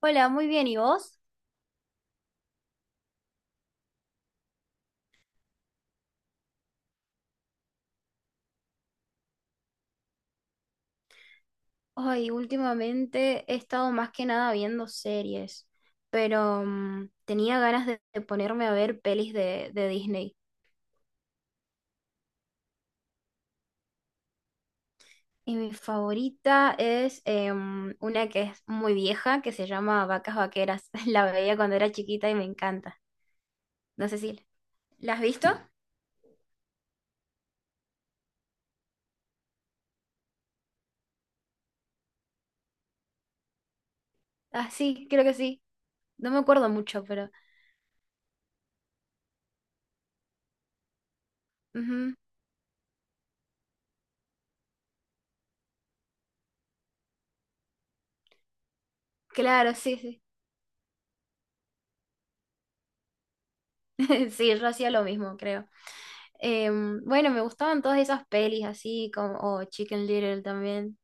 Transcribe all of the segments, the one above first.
Hola, muy bien, ¿y vos? Ay, últimamente he estado más que nada viendo series, pero tenía ganas de ponerme a ver pelis de Disney. Y mi favorita es una que es muy vieja, que se llama Vacas Vaqueras. La veía cuando era chiquita y me encanta. No sé si... ¿La has visto? Ah, sí, creo que sí. No me acuerdo mucho, pero... Ujú. Claro, sí, sí. Sí, yo hacía lo mismo, creo. Bueno, me gustaban todas esas pelis así, como oh, Chicken Little también.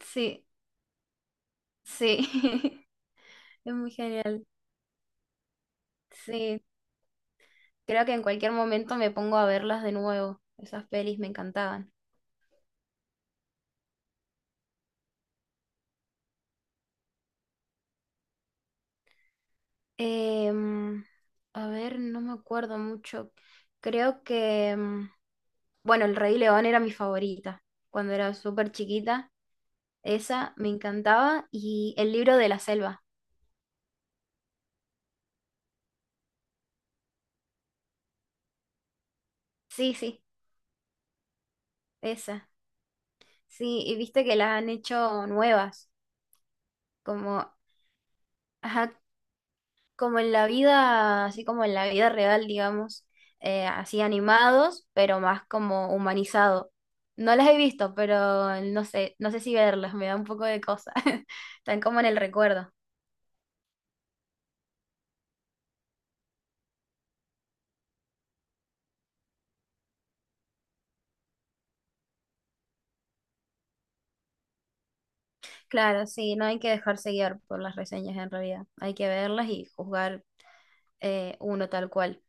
Sí, sí, es muy genial. Sí, creo que en cualquier momento me pongo a verlas de nuevo. Esas pelis me encantaban. Em, a ver, no me acuerdo mucho. Creo que, bueno, El Rey León era mi favorita cuando era súper chiquita. Esa me encantaba y El libro de la selva. Sí, sí, esa. Sí, y viste que las han hecho nuevas, como, ajá, como en la vida, así como en la vida real, digamos, así animados, pero más como humanizado. No las he visto, pero no sé, no sé si verlas, me da un poco de cosa. Están como en el recuerdo. Claro, sí, no hay que dejarse guiar por las reseñas en realidad. Hay que verlas y juzgar, uno tal cual.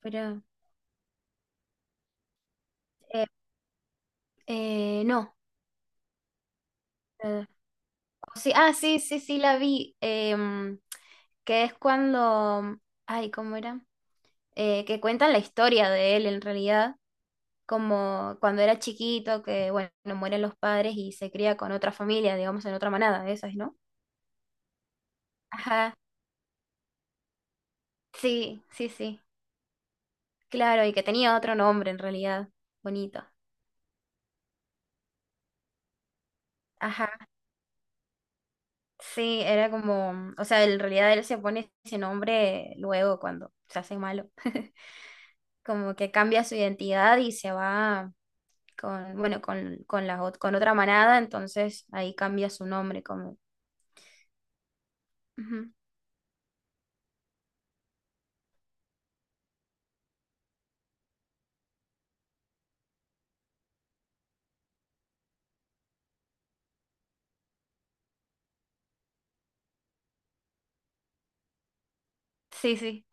Pero eh, no. eh, sí, ah, sí, sí, sí, la vi. Que es cuando, ay, ¿cómo era? Que cuentan la historia de él en realidad, como cuando era chiquito, que bueno, mueren los padres y se cría con otra familia, digamos, en otra manada de esas, ¿no? Ajá, sí, sí, sí, claro, y que tenía otro nombre en realidad, bonito. Ajá, sí, era como, o sea, en realidad él se pone ese nombre luego cuando se hace malo, como que cambia su identidad y se va bueno, con la, con otra manada, entonces ahí cambia su nombre como... Ujú. Sí, sí,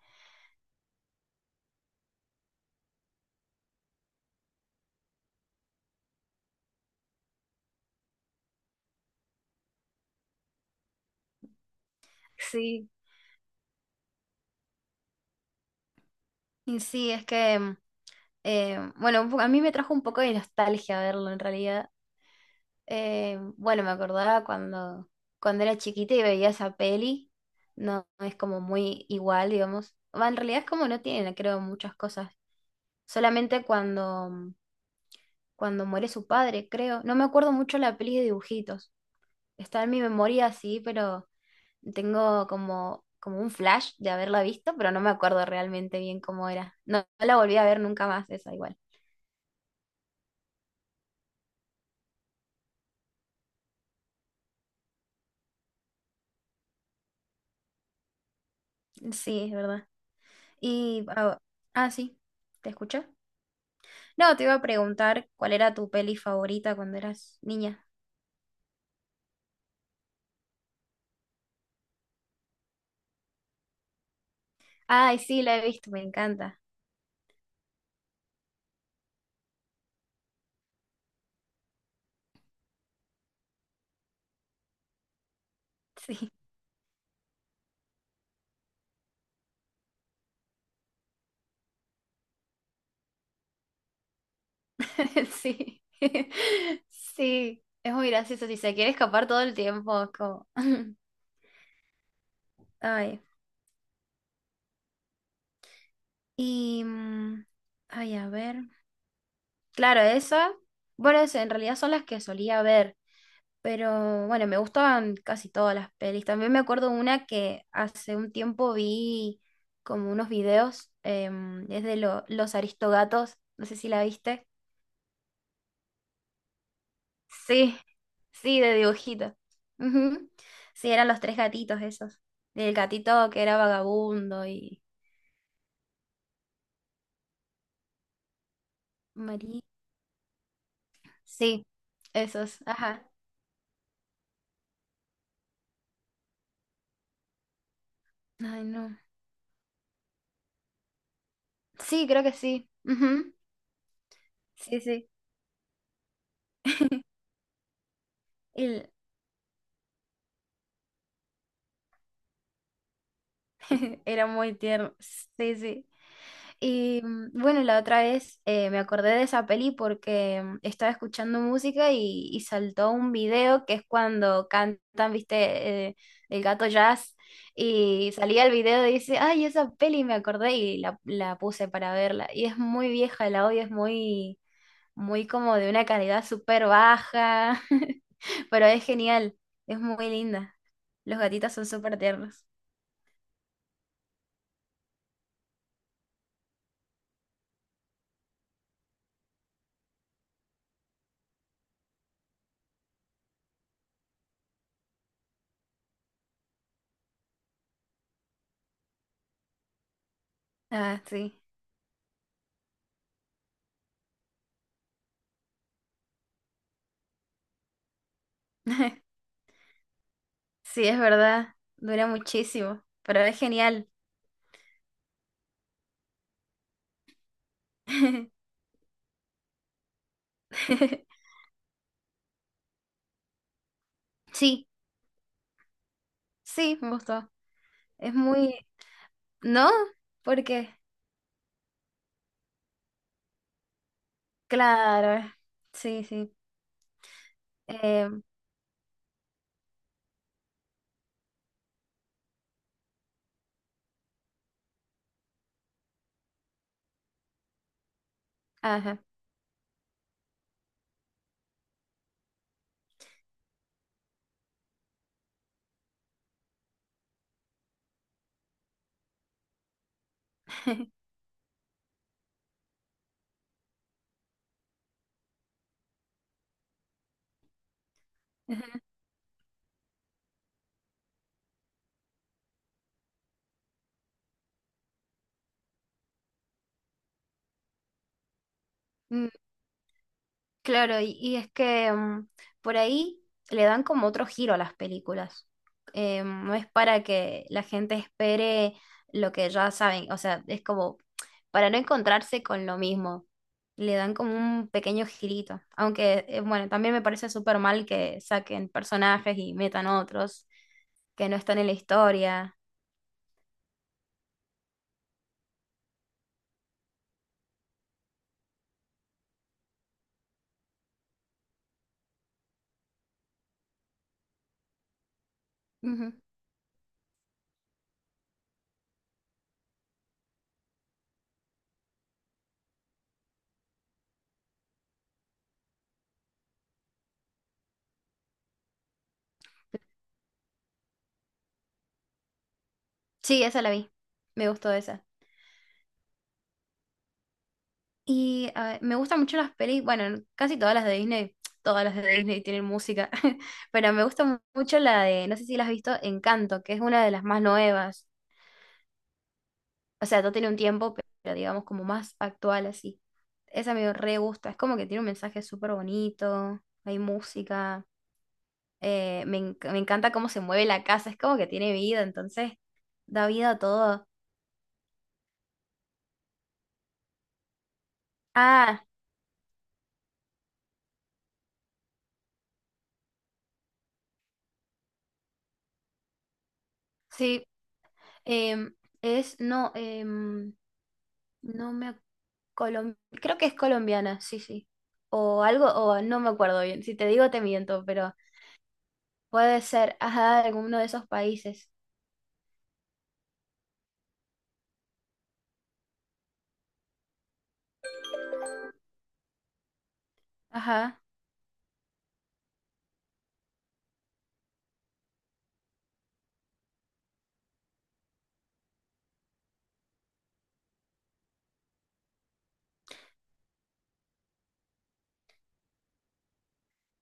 sí. Y sí, es que, bueno, a mí me trajo un poco de nostalgia verlo en realidad. Bueno, me acordaba cuando, cuando era chiquita y veía esa peli, no es como muy igual, digamos. Va, en realidad es como no tienen, creo, muchas cosas. Solamente cuando, cuando muere su padre, creo. No me acuerdo mucho la peli de dibujitos. Está en mi memoria así, pero... Tengo como, como un flash de haberla visto, pero no me acuerdo realmente bien cómo era. No, no la volví a ver nunca más, esa igual. Sí, es verdad. Y, ah, sí, ¿te escuché? No, te iba a preguntar cuál era tu peli favorita cuando eras niña. Ay, sí, la he visto, me encanta. Sí, sí, sí, es muy gracioso. Si se quiere escapar todo el tiempo, es como... Ay, y... mm, Ay, a ver. Claro, esa. Bueno, en realidad son las que solía ver, pero bueno, me gustaban casi todas las pelis. También me acuerdo una que hace un tiempo vi como unos videos, es de Los Aristogatos, no sé si la viste. Sí, sí, de dibujito. Ujú. Sí, eran los tres gatitos esos. El gatito que era vagabundo y María. Sí, esos, ajá. Ay, no. Sí, creo que sí. Ujú. Sí, sí. Era muy tierno, sí, sí. Y bueno, la otra vez me acordé de esa peli porque estaba escuchando música y saltó un video que es cuando cantan, viste. El gato jazz. Y salía el video y dice, ay, esa peli me acordé y la puse para verla. Y es muy vieja, el audio es muy, muy como de una calidad súper baja, pero es genial, es muy linda. Los gatitos son súper tiernos. Ah, sí. Sí, es verdad, dura muchísimo, pero es genial. Sí, sí, me gustó. Es muy... ¿No? Porque claro, sí, sí. Eh, ajá. Claro, y es que por ahí le dan como otro giro a las películas. No es para que la gente espere lo que ya saben, o sea, es como para no encontrarse con lo mismo. Le dan como un pequeño girito. Aunque, bueno, también me parece súper mal que saquen personajes y metan otros que no están en la historia. Ujú. Sí, esa la vi. Me gustó esa. Y a ver, me gustan mucho las pelis, bueno, casi todas las de Disney, todas las de Disney tienen música, pero me gusta mucho la de, no sé si la has visto, Encanto, que es una de las más nuevas. O sea, no tiene un tiempo, pero digamos como más actual así. Esa me re gusta, es como que tiene un mensaje súper bonito, hay música, me encanta cómo se mueve la casa, es como que tiene vida, entonces da vida a todo. Ah, sí, em, es, no, no me... Creo que es colombiana, sí, sí. O algo, o no me acuerdo bien. Si te digo, te miento, pero puede ser, ajá, alguno de esos países. Ajá.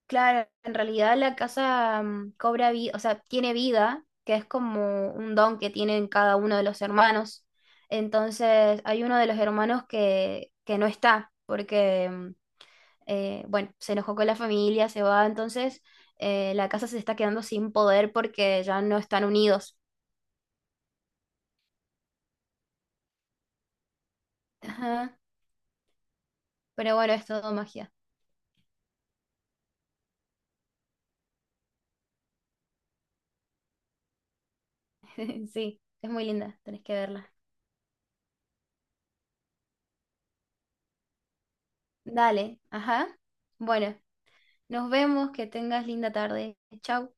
Claro, en realidad la casa cobra vida, o sea, tiene vida, que es como un don que tienen cada uno de los hermanos. Entonces, hay uno de los hermanos que no está, porque, bueno, se enojó con la familia, se va, entonces la casa se está quedando sin poder porque ya no están unidos. Ajá. Pero bueno, es todo magia. Sí, es muy linda, tenés que verla. Dale, ajá. Bueno, nos vemos, que tengas linda tarde. Chau.